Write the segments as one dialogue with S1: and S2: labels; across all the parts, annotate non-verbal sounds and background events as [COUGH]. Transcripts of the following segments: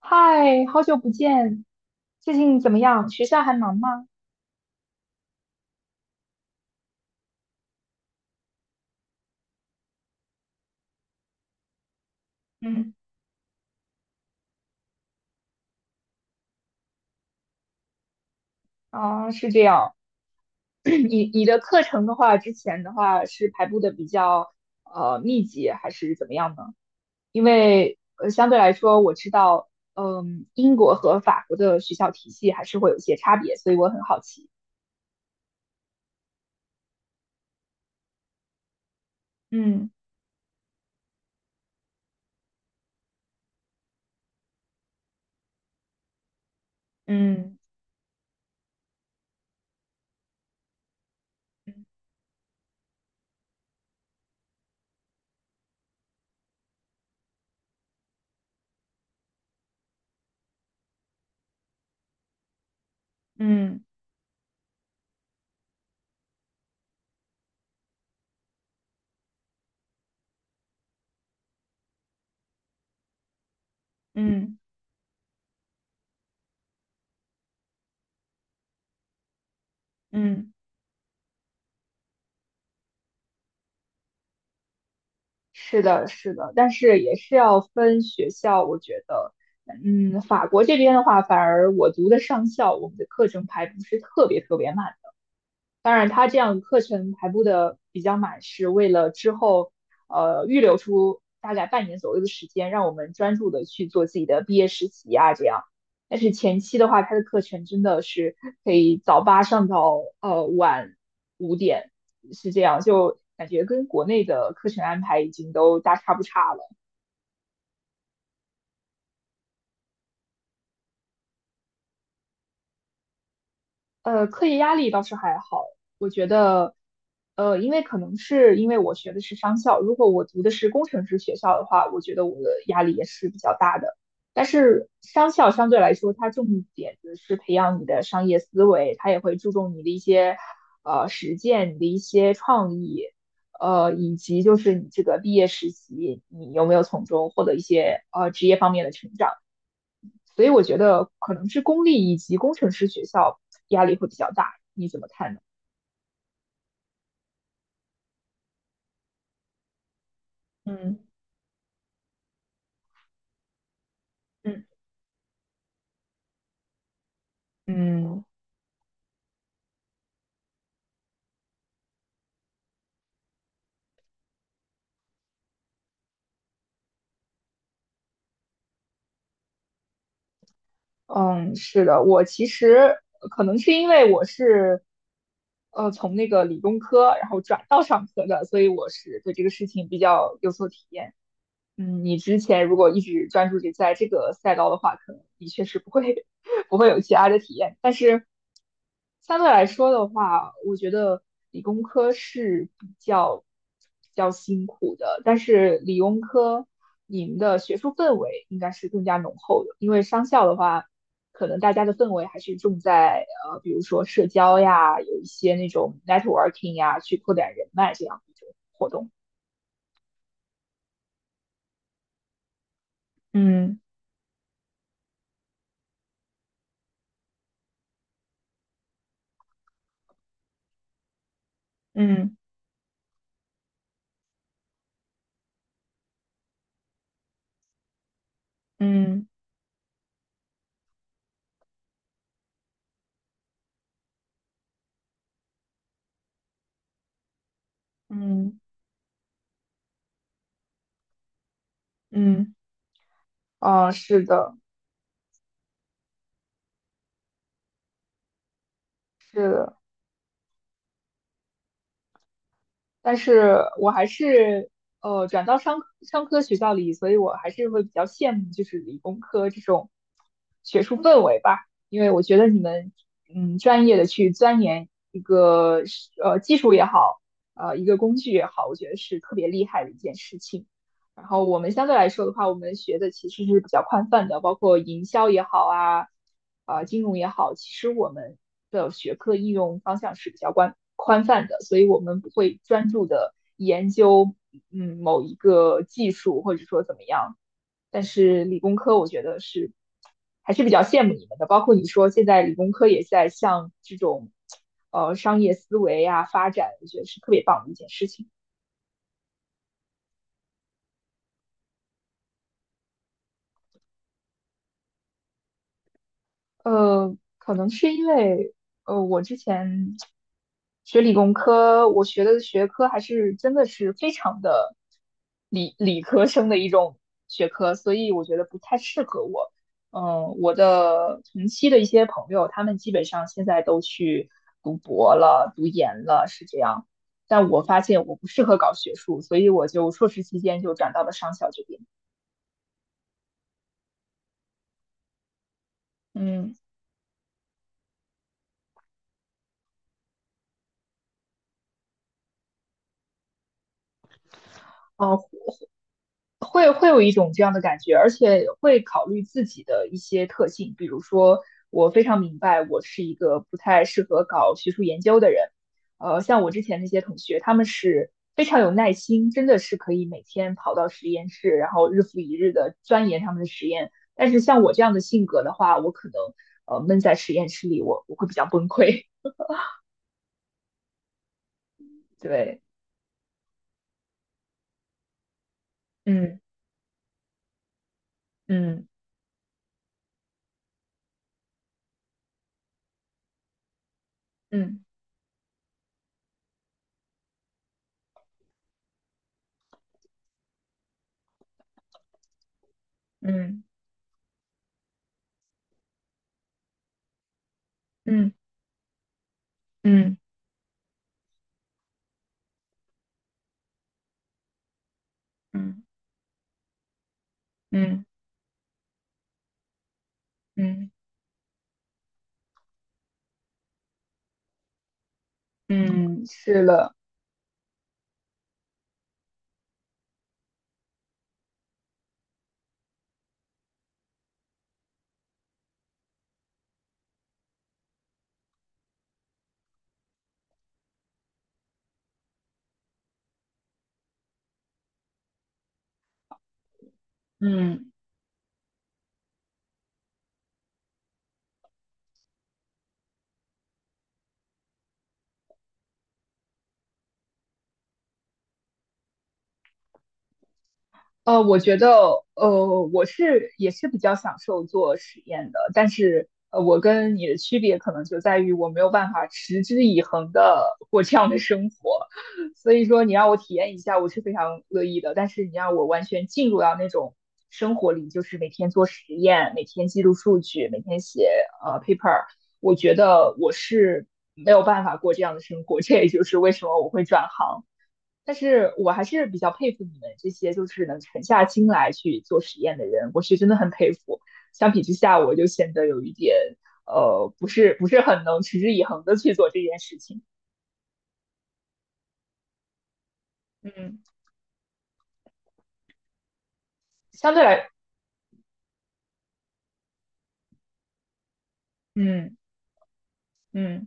S1: 嗨，好久不见，最近怎么样？学校还忙吗？嗯。啊，是这样。[CLEARS THROAT] 你的课程的话，之前的话是排布的比较密集，还是怎么样呢？因为相对来说，我知道，英国和法国的学校体系还是会有一些差别，所以我很好奇。嗯嗯嗯嗯嗯，嗯。是的，是的，但是也是要分学校，我觉得。法国这边的话，反而我读的上校，我们的课程排不是特别特别满。当然，它这样课程排布的比较满，是为了之后预留出大概半年左右的时间，让我们专注的去做自己的毕业实习啊这样。但是前期的话，它的课程真的是可以早8上到晚5点，是这样，就感觉跟国内的课程安排已经都大差不差了。课业压力倒是还好，我觉得。因为可能是因为我学的是商校，如果我读的是工程师学校的话，我觉得我的压力也是比较大的。但是商校相对来说，它重点的是培养你的商业思维，它也会注重你的一些实践、你的一些创意，以及就是你这个毕业实习，你有没有从中获得一些职业方面的成长。所以我觉得可能是公立以及工程师学校压力会比较大，你怎么看呢？嗯嗯嗯嗯。是的，我其实可能是因为我是，从那个理工科然后转到商科的，所以我是对这个事情比较有所体验。嗯，你之前如果一直专注于在这个赛道的话，可能的确是不会 [LAUGHS] 不会有其他的体验。但是相对来说的话，我觉得理工科是比较辛苦的，但是理工科你们的学术氛围应该是更加浓厚的，因为商校的话，可能大家的氛围还是重在比如说社交呀，有一些那种 networking 呀，去扩展人脉这样的一种活动。嗯嗯嗯。嗯嗯。啊，是的，是的，但是我还是转到商科学校里，所以我还是会比较羡慕就是理工科这种学术氛围吧，因为我觉得你们专业的去钻研一个技术也好，一个工具也好，我觉得是特别厉害的一件事情。然后我们相对来说的话，我们学的其实是比较宽泛的，包括营销也好啊，啊、金融也好，其实我们的学科应用方向是比较宽泛的，所以我们不会专注的研究某一个技术或者说怎么样。但是理工科我觉得是还是比较羡慕你们的，包括你说现在理工科也在向这种商业思维啊发展，我觉得是特别棒的一件事情。可能是因为我之前学理工科，我学的学科还是真的是非常的理科生的一种学科，所以我觉得不太适合我。我的同期的一些朋友，他们基本上现在都去读博了、读研了，是这样。但我发现我不适合搞学术，所以我就硕士期间就转到了商校这边。嗯。哦。会有一种这样的感觉，而且会考虑自己的一些特性，比如说，我非常明白我是一个不太适合搞学术研究的人。像我之前那些同学，他们是非常有耐心，真的是可以每天跑到实验室，然后日复一日的钻研他们的实验。但是像我这样的性格的话，我可能闷在实验室里，我会比较崩溃。[LAUGHS] 对，嗯嗯嗯嗯嗯嗯嗯嗯嗯。嗯嗯嗯，是了，嗯。我觉得，我是也是比较享受做实验的，但是，我跟你的区别可能就在于我没有办法持之以恒的过这样的生活，[LAUGHS] 所以说你让我体验一下，我是非常乐意的，但是你让我完全进入到那种生活里，就是每天做实验，每天记录数据，每天写paper，我觉得我是没有办法过这样的生活，这也就是为什么我会转行。但是我还是比较佩服你们这些就是能沉下心来去做实验的人，我是真的很佩服。相比之下，我就显得有一点不是很能持之以恒的去做这件事情。嗯，相对来，嗯嗯。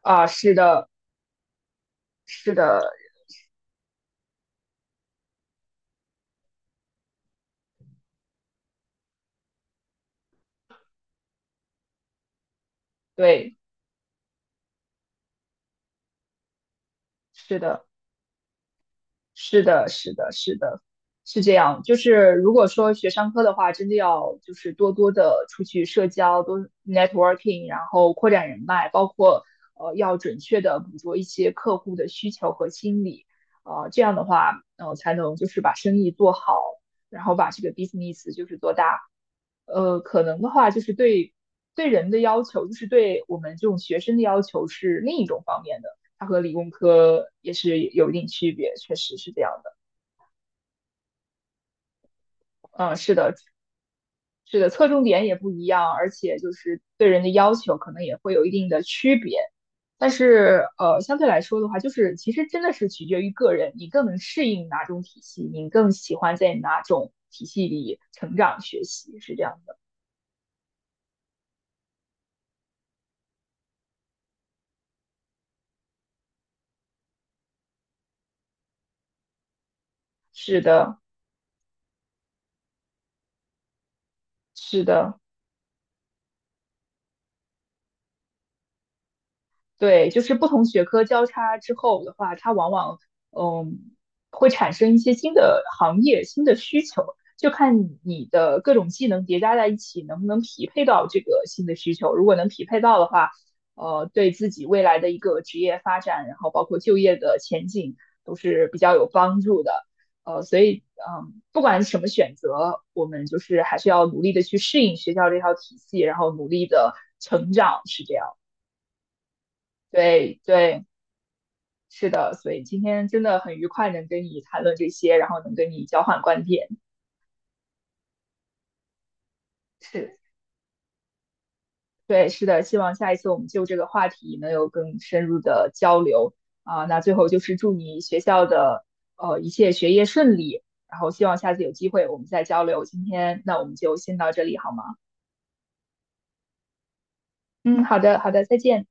S1: 啊，是的，是的，对，是的。是的，是的，是的，是这样。就是如果说学商科的话，真的要就是多多的出去社交，多 networking，然后扩展人脉，包括要准确的捕捉一些客户的需求和心理，这样的话，才能就是把生意做好，然后把这个 business 就是做大。可能的话就是对对人的要求，就是对我们这种学生的要求是另一种方面的。它和理工科也是有一定区别，确实是这样的。嗯，是的，是的，侧重点也不一样，而且就是对人的要求可能也会有一定的区别。但是相对来说的话，就是其实真的是取决于个人，你更能适应哪种体系，你更喜欢在哪种体系里成长学习，是这样的。是的，是的。对，就是不同学科交叉之后的话，它往往嗯会产生一些新的行业、新的需求，就看你的各种技能叠加在一起能不能匹配到这个新的需求。如果能匹配到的话，对自己未来的一个职业发展，然后包括就业的前景都是比较有帮助的。所以，不管什么选择，我们就是还是要努力的去适应学校这套体系，然后努力的成长，是这样。对对。是的，所以今天真的很愉快，能跟你谈论这些，然后能跟你交换观点。是，对，是的，希望下一次我们就这个话题能有更深入的交流啊、那最后就是祝你学校的一切学业顺利，然后希望下次有机会我们再交流。今天那我们就先到这里好吗？嗯，好的，好的，再见。